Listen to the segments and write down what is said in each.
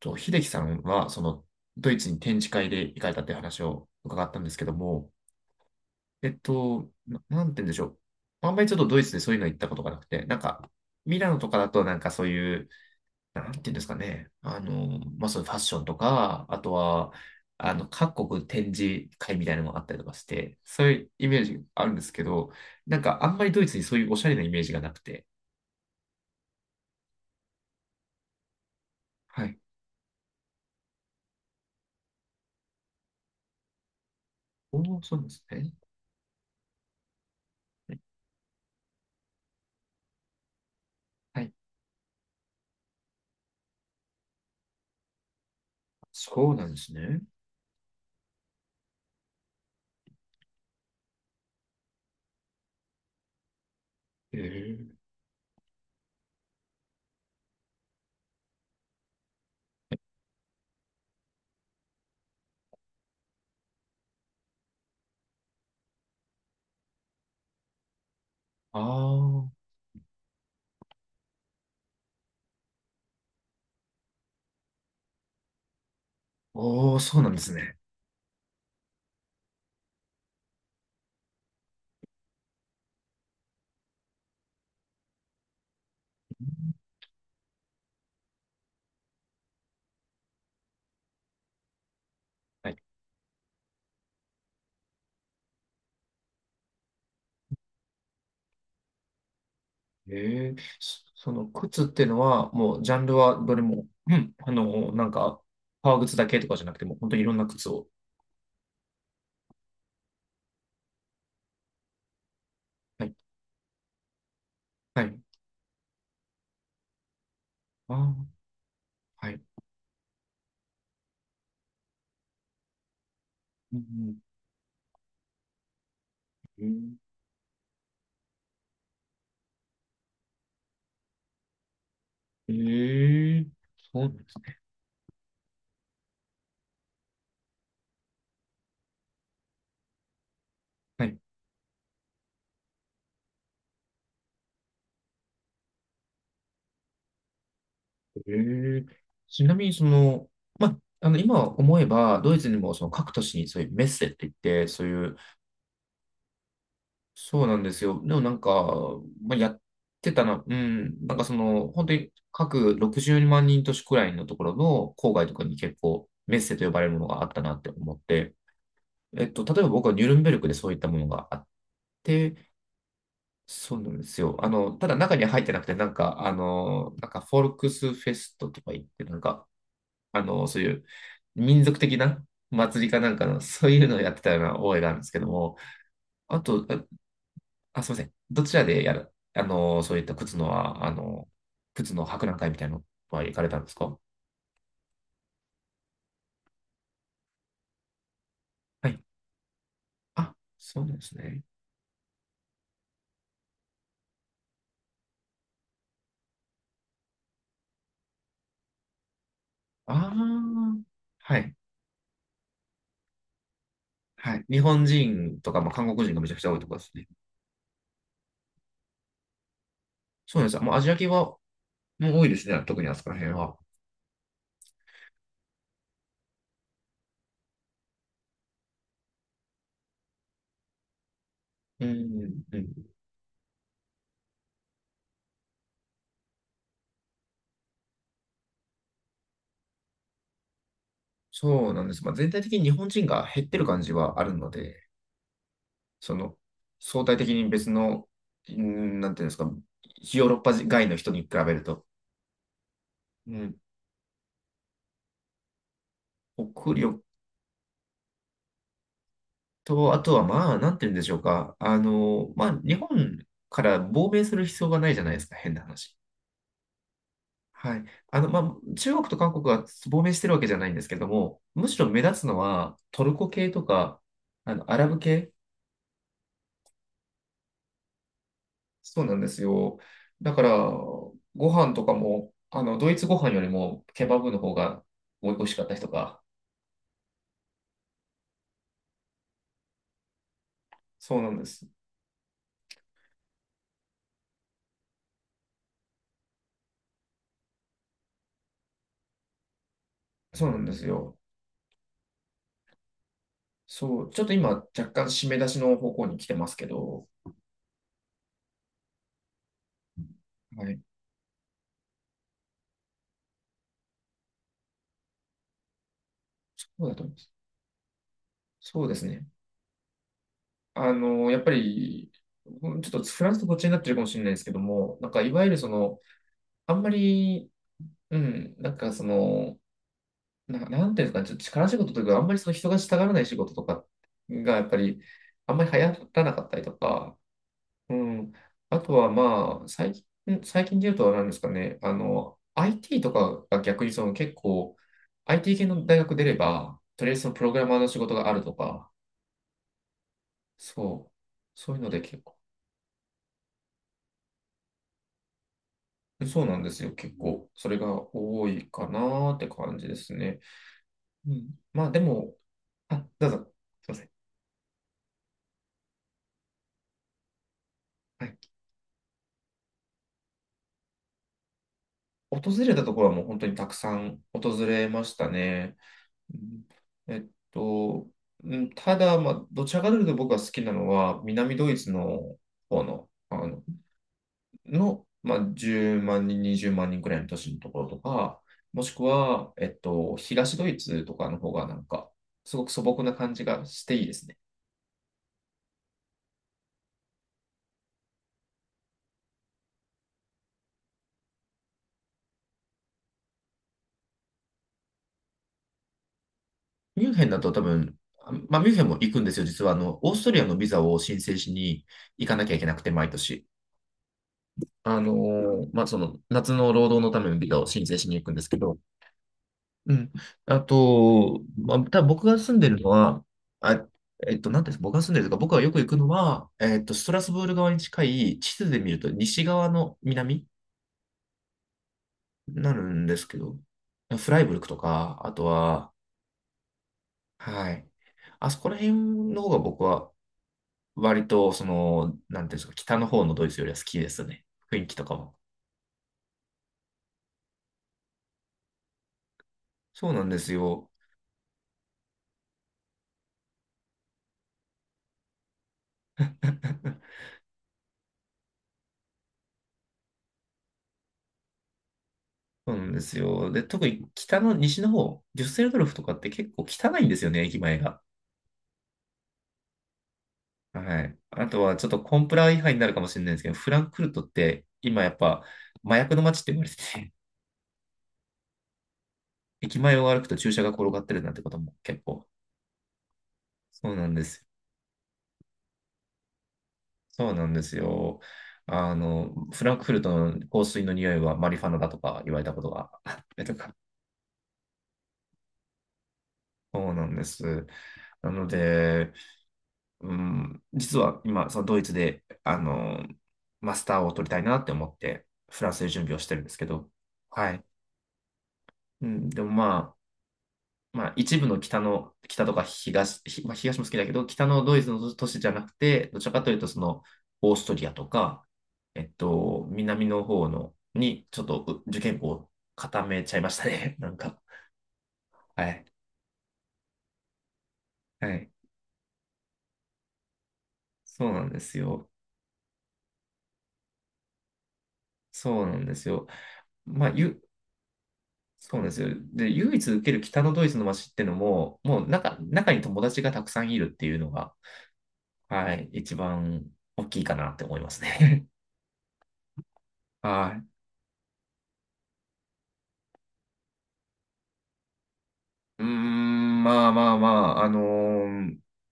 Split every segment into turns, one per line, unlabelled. と、秀樹さんは、ドイツに展示会で行かれたっていう話を伺ったんですけども、なんて言うんでしょう。あんまりちょっとドイツでそういうの行ったことがなくて、ミラノとかだとなんかそういう、なんて言うんですかね。そういうファッションとか、あとは、各国展示会みたいなのがあったりとかして、そういうイメージあるんですけど、なんかあんまりドイツにそういうおしゃれなイメージがなくて。はい。おー、そうなんですね。はい。そうなんですね。ええ。ああ。おー、そうなんですね。はい。ええ、そその靴っていうのは、もうジャンルはどれも、うん、革靴だけとかじゃなくても、本当にいろんな靴を。はい。はい。あーはい。うんうんえーえ、そうなんですね。はい。ええ、ちなみに、その、ま、あの、今思えば、ドイツにも、その各都市にそういうメッセって言って、そういう、そうなんですよ。でもなんか、まあ、やってたな、うん、本当に各60万人都市くらいのところの郊外とかに結構メッセと呼ばれるものがあったなって思って、えっと、例えば僕はニュルンベルクでそういったものがあって、そうなんですよ。あの、ただ中には入ってなくて、フォルクスフェストとか言って、そういう民族的な祭りかなんかの、そういうのをやってたような覚えがあるんですけども、あと、あ、すいません。どちらでやる、そういった靴のは、靴の博覧会みたいなのは行かれたんですか？はい。あ、そうなんですね。ああ、はい。はい。日本人とか、まあ、韓国人がめちゃくちゃ多いところですね。そうなんですよ。もうアジア系はもう多いですね。特にあそこら辺は。うん、うん。そうなんです。まあ、全体的に日本人が減ってる感じはあるので、その、相対的に別の、うん、なんていうんですか、ヨーロッパ外の人に比べると、うん、国力と、あとはまあ、なんて言うんでしょうか。日本から亡命する必要がないじゃないですか、変な話。はい。あの、まあ、中国と韓国が亡命してるわけじゃないんですけども、むしろ目立つのはトルコ系とか、あの、アラブ系。そうなんですよ。だから、ご飯とかも、あの、ドイツご飯よりもケバブの方が美味しかったりとか。そうなんです。そうなんですよ。そう、ちょっと今、若干締め出しの方向に来てますけど、はい。そうだと思うそうですね。あの、やっぱり、うんちょっとフランスとこっちになってるかもしれないですけども、なんかいわゆるその、あんまり、うん、なんかその、な、なんていうんですかね、ちょっと力仕事というか、あんまりその人がしたがらない仕事とかが、やっぱり、あんまり流行らなかったりとか、うん、あとはまあ、最近で言うと何ですかね、あの、IT とかが逆にその結構、IT 系の大学出れば、とりあえずそのプログラマーの仕事があるとか、そう、そういうので結構、そうなんですよ。結構、それが多いかなーって感じですね。うん。まあでも、あ、どうぞ、すいません。はい。訪れたところはもう本当にたくさん訪れましたね。うんえっと、うんただ、まあ、どちらかというと僕が好きなのは、南ドイツの方の、まあ、10万人、20万人くらいの都市のところとか、もしくは、えっと、東ドイツとかの方がなんか、すごく素朴な感じがしていいですね。ミュンヘンだと多分、あまあ、ミュンヘンも行くんですよ、実は。あの、オーストリアのビザを申請しに行かなきゃいけなくて、毎年。まあ、その、夏の労働のためのビザを申請しに行くんですけど。うん。あと、まあ、多分僕が住んでるのは、あ、なんていうんですか、僕が住んでるとか、僕がよく行くのは、えっと、ストラスブール側に近い、地図で見ると西側の南になるんですけど、フライブルクとか、あとは、はい。あそこら辺の方が僕は割と、その、なんていうんですか、北の方のドイツよりは好きですね。雰囲気とかも。そうなんですよ。そうなんですよ。で、特に北の西の方、デュッセルドルフとかって結構汚いんですよね、駅前が。はい。あとはちょっとコンプラ違反になるかもしれないですけど、フランクフルトって今やっぱ麻薬の街って言われてて、駅前を歩くと注射が転がってるなんてことも結構。そうなんです。そうなんですよ。あの、フランクフルトの香水の匂いはマリファナだとか言われたことがあったりとか。そうなんです。なので、うん、実は今、そのドイツで、あの、マスターを取りたいなって思って、フランスで準備をしてるんですけど、はい。うん、でもあ、一部の北の、北とか東、ひまあ、東も好きだけど、北のドイツの都市じゃなくて、どちらかというと、その、オーストリアとか、えっと、南の方の、に、ちょっと受験校を固めちゃいましたね。なんか。はい。はい。そうなんですよ。そうなんですよ。まあ、ゆそうなんですよ。で、唯一受ける北のドイツの街ってのも、もう中、中に友達がたくさんいるっていうのが、はい、一番大きいかなって思いますね。はい。うーん、まあまあまあ、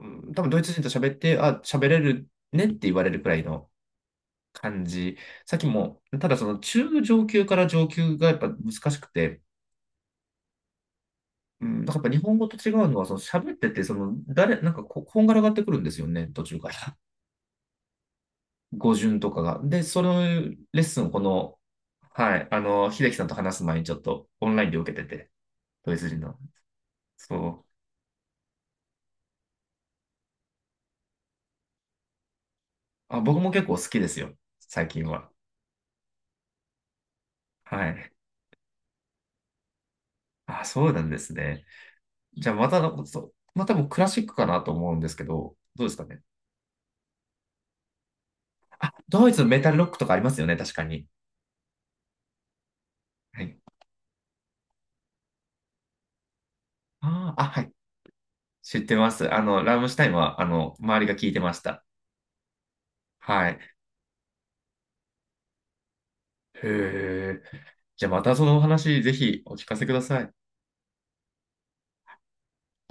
うん多分ドイツ人と喋って、あ、喋れるねって言われるくらいの感じ。さっきも、ただその中上級から上級がやっぱ難しくて、うん、なんかやっぱ日本語と違うのは、その喋ってて、その誰、なんかこ、こんがらがってくるんですよね、途中から。語順とかが。で、そのレッスンをこの、はい、あの、秀樹さんと話す前にちょっとオンラインで受けてて、ドイツ人の。そう。あ、僕も結構好きですよ、最近は。はい。あ、そうなんですね。じゃあまた、そうまあ多分クラシックかなと思うんですけど、どうですかね。ドイツのメタルロックとかありますよね、確かに。はい。あーあ、はい。知ってます。あの、ラムシュタインは、あの、周りが聞いてました。はい。へえ。じゃあまたそのお話、ぜひお聞かせください。